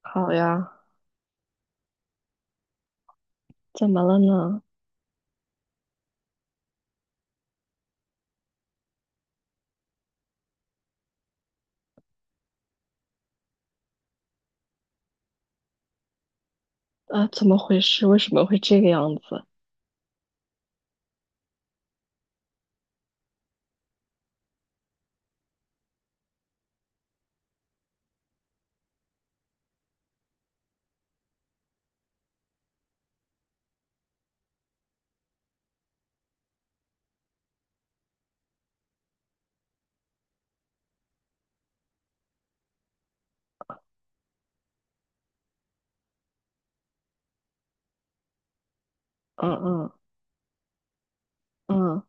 好呀，怎么了呢？啊，怎么回事？为什么会这个样子？嗯嗯嗯，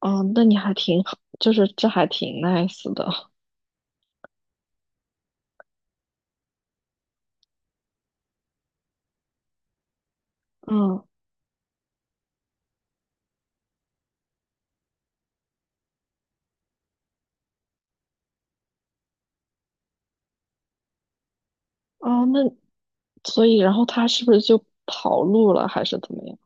哦，那你还挺好，就是这还挺 nice 的。嗯，哦，那所以然后他是不是就跑路了，还是怎么样？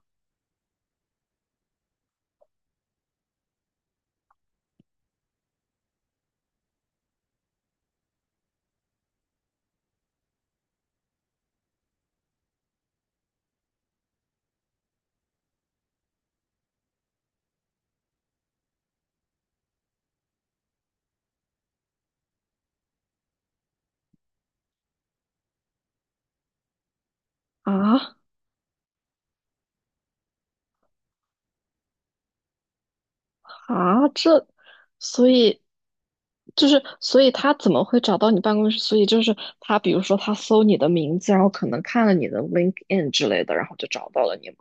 啊啊，这，所以就是所以他怎么会找到你办公室？所以就是他，比如说他搜你的名字，然后可能看了你的 LinkedIn 之类的，然后就找到了你吗？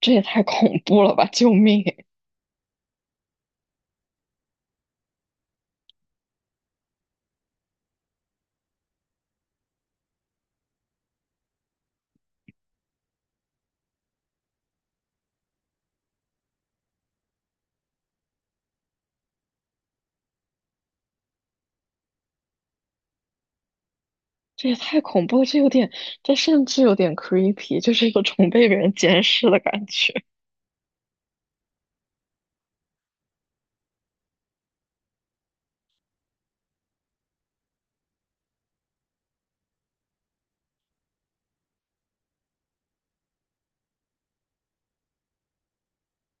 这也太恐怖了吧！救命！这也太恐怖了，这有点，这甚至有点 creepy，就是一个种被人监视的感觉。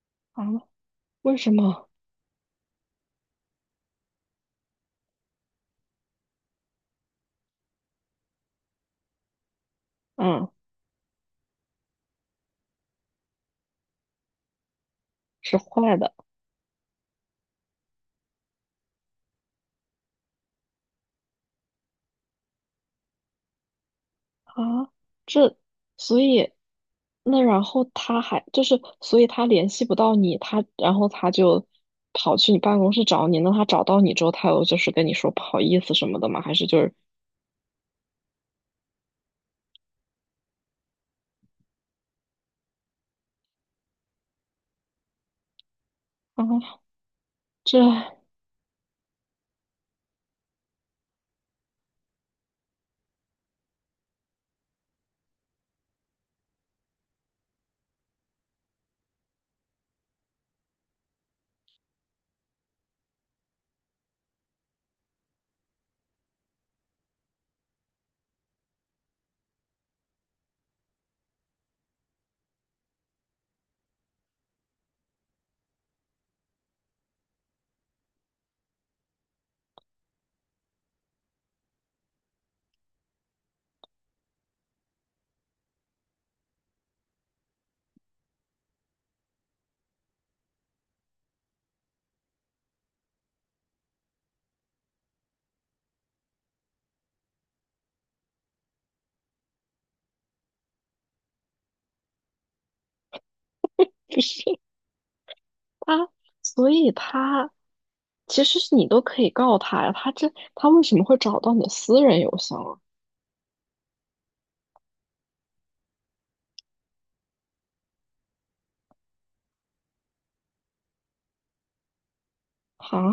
啊？为什么？嗯，是坏的。啊？这，所以，那然后他还就是，所以他联系不到你，他然后他就跑去你办公室找你。那他找到你之后，他有就是跟你说不好意思什么的吗？还是就是啊，这他，所以他。其实是你都可以告他呀，他这他为什么会找到你的私人邮箱啊？啊，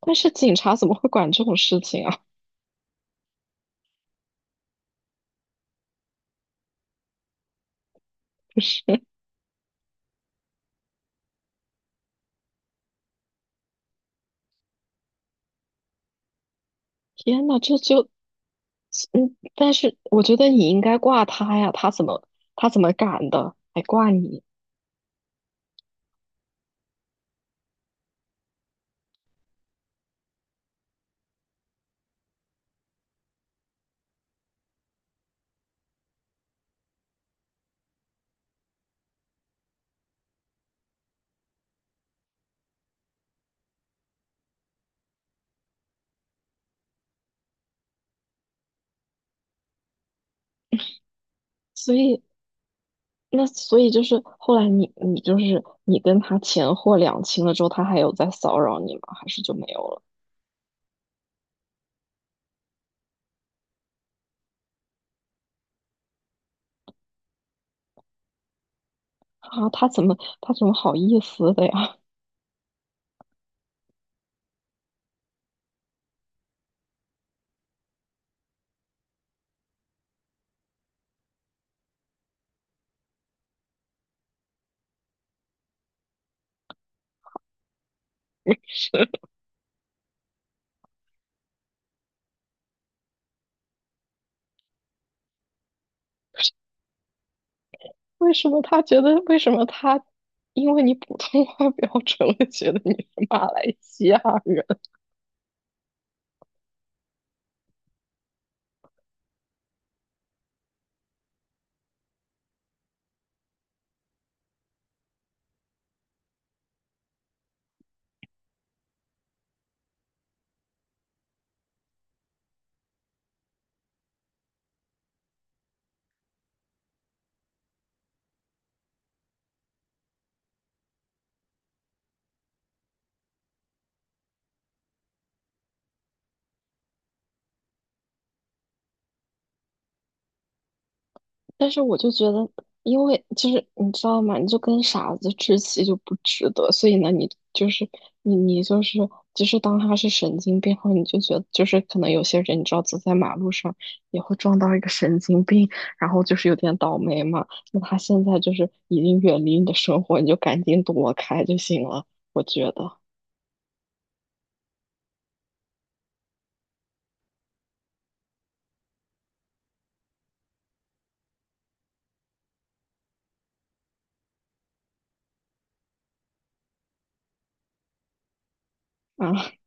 但是警察怎么会管这种事情啊？不是，天呐，这就，嗯，但是我觉得你应该挂他呀，他怎么他怎么敢的，还挂你？所以那所以就是后来你你就是你跟他钱货两清了之后，他还有在骚扰你吗？还是就没有了？啊，他怎么他怎么好意思的呀？为什么他觉得为什么他因为你普通话标准了，觉得你是马来西亚人？但是我就觉得，因为就是你知道吗？你就跟傻子置气就不值得，所以呢，你就是你你就是就是当他是神经病后，你就觉得就是可能有些人你知道走在马路上也会撞到一个神经病，然后就是有点倒霉嘛。那他现在就是已经远离你的生活，你就赶紧躲开就行了，我觉得啊。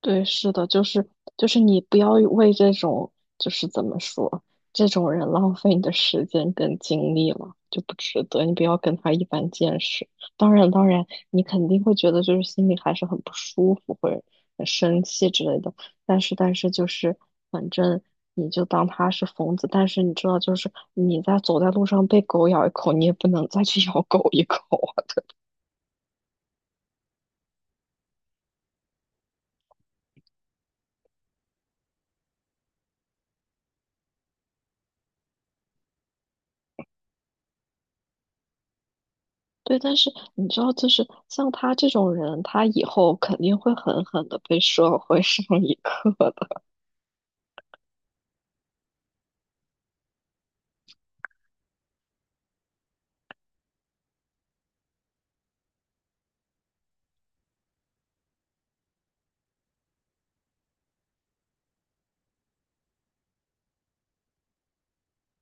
对，是的，就是就是你不要为这种就是怎么说这种人浪费你的时间跟精力了，就不值得。你不要跟他一般见识。当然，当然，你肯定会觉得就是心里还是很不舒服，或者很生气之类的。但是，但是就是反正你就当他是疯子。但是你知道，就是你在走在路上被狗咬一口，你也不能再去咬狗一口。对，但是你知道，就是像他这种人，他以后肯定会狠狠的被社会上一课的。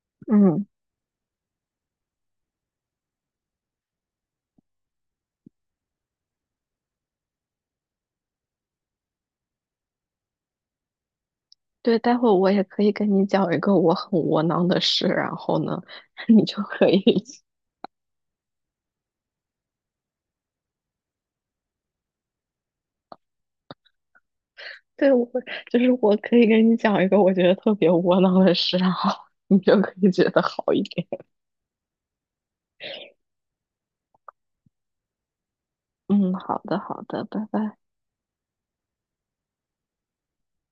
嗯，对，待会我也可以跟你讲一个我很窝囊的事，然后呢，你就可以，对，我就是我可以跟你讲一个我觉得特别窝囊的事，然后你就可以觉得好一点。嗯，好的，好的，拜拜。